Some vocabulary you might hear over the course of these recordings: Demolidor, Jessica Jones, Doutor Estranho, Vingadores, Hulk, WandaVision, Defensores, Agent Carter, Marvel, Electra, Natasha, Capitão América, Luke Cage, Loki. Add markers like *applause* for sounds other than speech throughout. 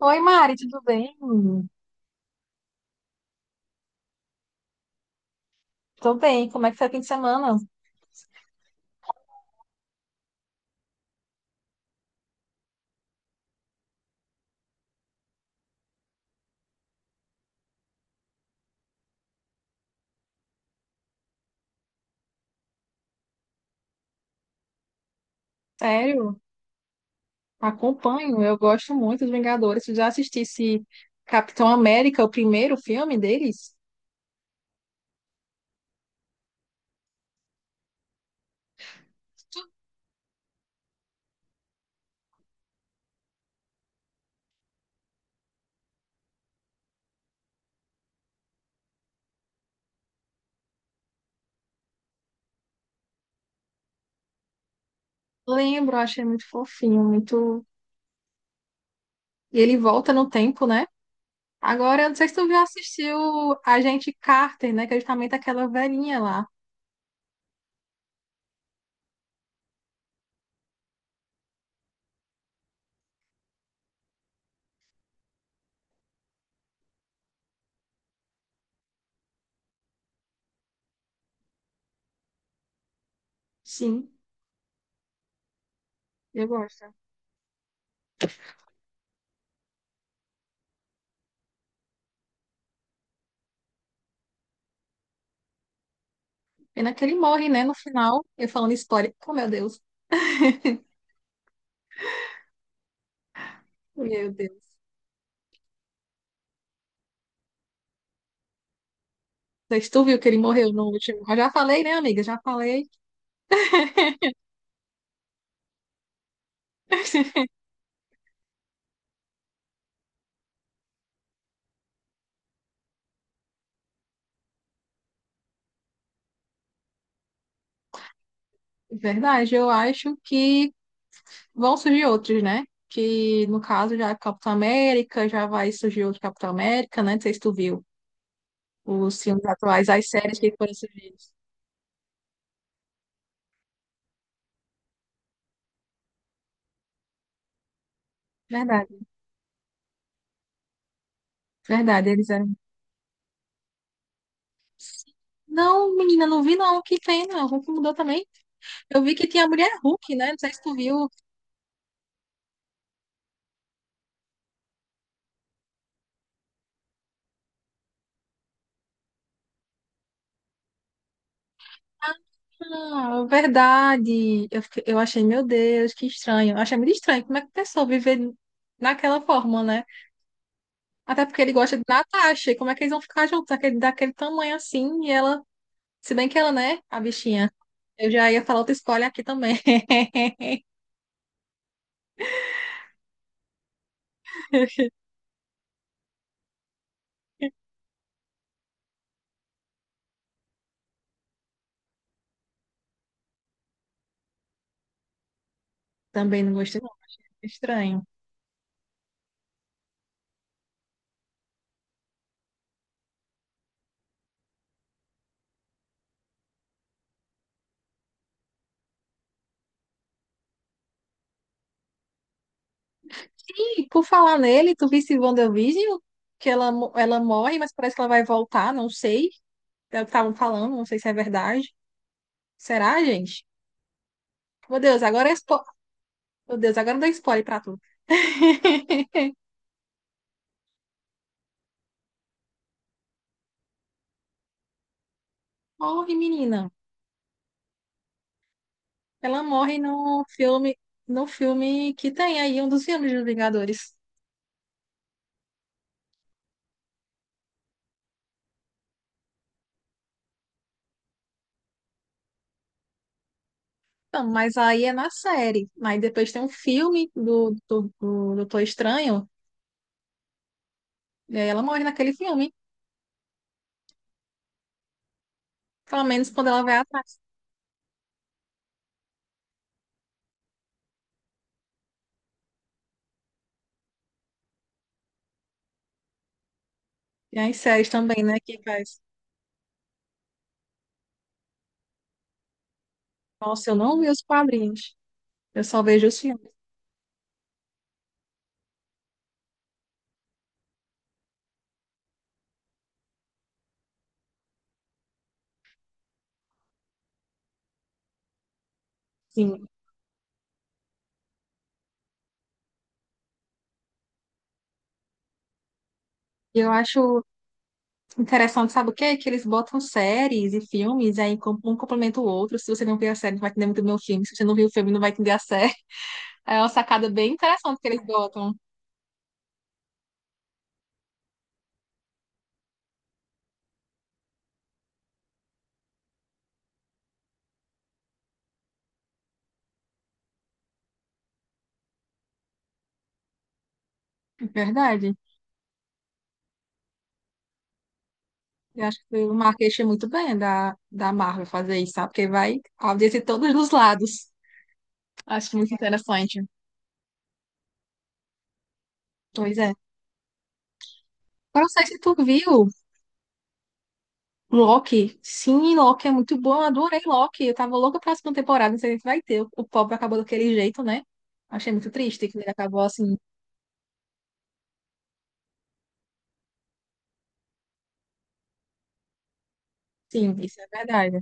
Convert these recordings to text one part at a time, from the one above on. Oi, Mari, tudo bem? Tô bem. Como é que foi o fim de semana? Sério, acompanho. Eu gosto muito dos Vingadores. Tu já assistisse Capitão América, o primeiro filme deles? Lembro, achei muito fofinho, muito. E ele volta no tempo, né? Agora, eu não sei se tu já assistiu a gente Carter, né? Que é justamente aquela velhinha lá. Sim, eu gosto. Pena que ele morre, né? No final, eu falando spoiler. Oh, meu Deus. Meu Deus. Não sei se tu viu que ele morreu no último. Eu já falei, né, amiga? Já falei. *laughs* Verdade, eu acho que vão surgir outros, né? Que no caso já é Capitão América, já vai surgir outro Capitão América, né? Não sei se tu viu os filmes atuais, as séries que foram surgidas. Verdade, verdade, eles eram. Não, menina, não vi não que tem, não. Hulk mudou também. Eu vi que tinha a mulher Hulk, né? Não sei se tu viu. Ah, verdade. Eu, eu achei, meu Deus, que estranho. Eu achei muito estranho. Como é que a pessoa viver naquela forma, né? Até porque ele gosta de Natasha. E como é que eles vão ficar juntos daquele tamanho assim? E ela, se bem que ela, né, a bichinha. Eu já ia falar outra escolha aqui também. *laughs* Também não gostei, não. Estranho. E por falar nele, tu visse WandaVision? Que ela, ela morre, mas parece que ela vai voltar, não sei. É o que estavam falando, não sei se é verdade. Será, gente? Meu Deus, agora é spo... Meu Deus, agora dá spoiler pra tu. *laughs* Morre, menina. Ela morre no filme, no filme que tem aí, um dos filmes dos Vingadores. Então, mas aí é na série. Aí depois tem um filme do Doutor Estranho, e aí ela morre naquele filme. Pelo menos quando ela vai atrás. E as séries também, né, que faz. Nossa, eu não vi os quadrinhos. Eu só vejo os filmes. Sim. E eu acho interessante, sabe o quê? Que eles botam séries e filmes, e aí um complementa o outro. Se você não viu a série, não vai entender muito bem o filme. Se você não viu o filme, não vai entender a série. É uma sacada bem interessante que eles botam. É verdade. Eu acho que foi uma queixa muito bem da Marvel fazer isso, sabe? Porque vai audiência de todos os lados. Acho muito interessante. Pois é. Eu não sei se tu viu Loki. Sim, Loki é muito bom. Eu adorei Loki. Eu tava louca pra segunda temporada. Não sei se vai ter. O pobre acabou daquele jeito, né? Achei muito triste que ele acabou assim. Sim, isso é verdade.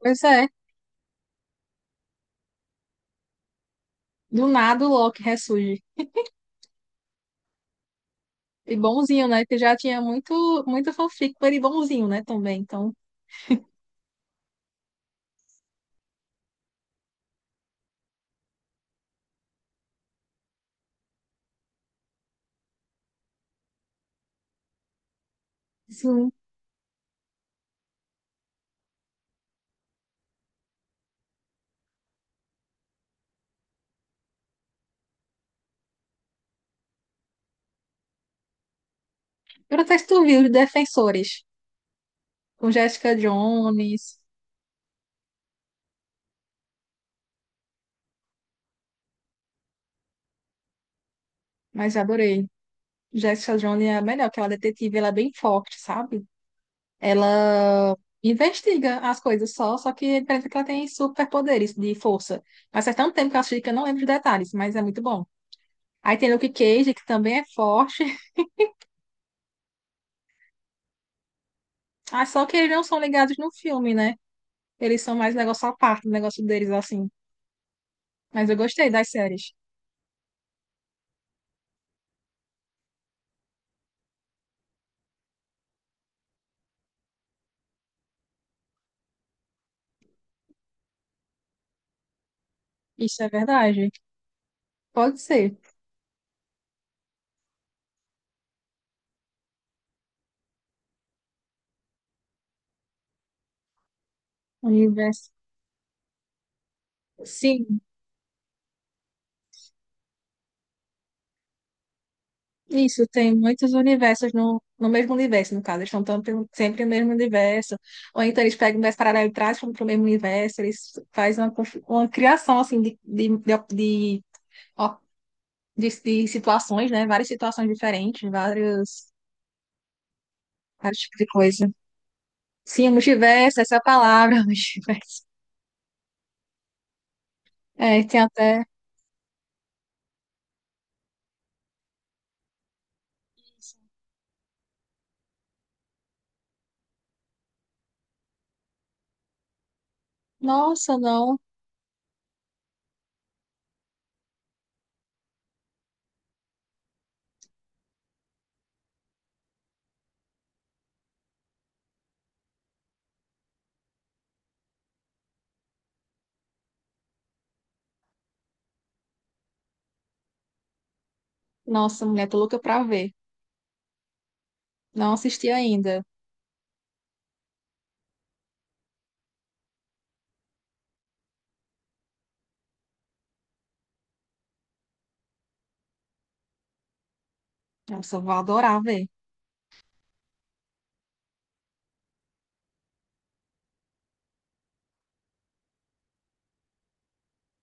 Pois é. Do nada o Loki ressurge. E bonzinho, né? Que já tinha muito, muito fanfic com ele bonzinho, né? Também. Então, sim. Eu não sei se tu viu os Defensores com Jessica Jones, mas adorei. Jessica Jones é a melhor, que ela é detetive, ela é bem forte, sabe? Ela investiga as coisas só que é diferente que ela tem superpoderes de força. Mas faz tanto tempo que eu assisti que eu não lembro de detalhes, mas é muito bom. Aí tem Luke Cage, que também é forte. *laughs* Ah, só que eles não são ligados no filme, né? Eles são mais negócio à parte, negócio deles assim. Mas eu gostei das séries. Isso é verdade. Pode ser. Universo. Sim, isso, tem muitos universos no mesmo universo, no caso. Eles estão tão pelo- sempre no mesmo universo. Ou então eles pegam um universo paralelo e trazem para o mesmo universo. Eles fazem uma, uma criação, assim, de, op- de, ó, de situações, né? Várias situações diferentes, vários tipos de coisa. Sim, multiverso, essa é a palavra, *laughs* multiverso. É, tem até... Nossa, não. Nossa, mulher, tô louca pra ver. Não assisti ainda. Nossa, eu vou adorar ver.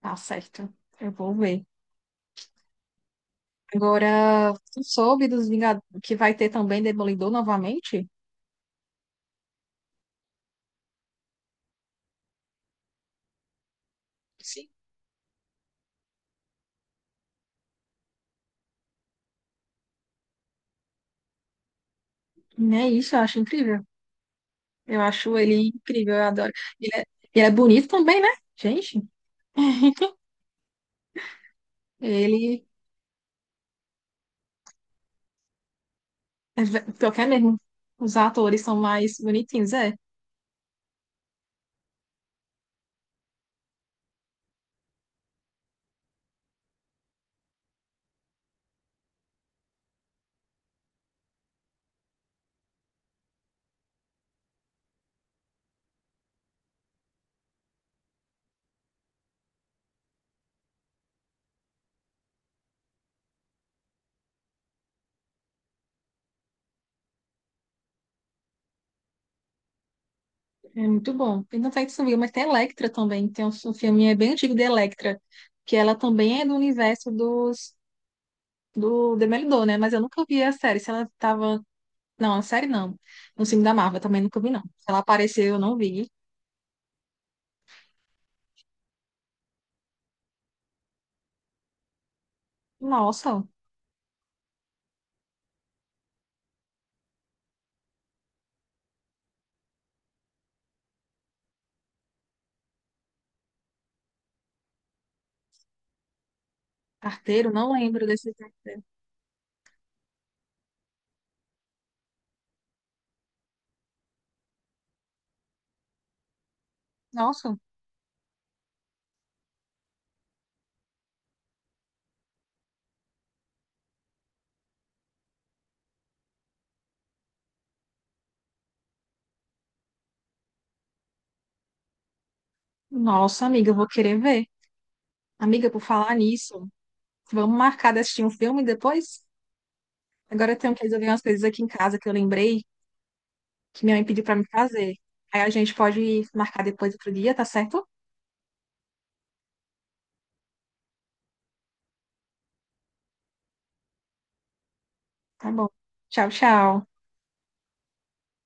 Tá certo. Eu vou ver. Agora, tu soube dos Vingadores que vai ter também Demolidor novamente? Sim. É isso, eu acho incrível. Eu acho ele incrível, eu adoro. Ele é, ele é bonito também, né? Gente, *laughs* ele é ve- pior que é mesmo. Os atores são mais bonitinhos, é. É muito bom. E não sei se tu viu, mas tem Electra também. Tem um, um filme é bem antigo de Electra, que ela também é do universo dos, do Demolidor, né? Mas eu nunca vi a série. Se ela tava Não, a série não. No filme da Marvel também nunca vi, não. Se ela apareceu, eu não vi. Nossa, carteiro, não lembro desse filme. Nossa, nossa, amiga, eu vou querer ver. Amiga, por falar nisso, vamos marcar de assistir um filme depois? Agora eu tenho que resolver umas coisas aqui em casa que eu lembrei que minha mãe pediu pra me fazer. Aí a gente pode marcar depois outro dia, tá certo? Tá bom. Tchau, tchau.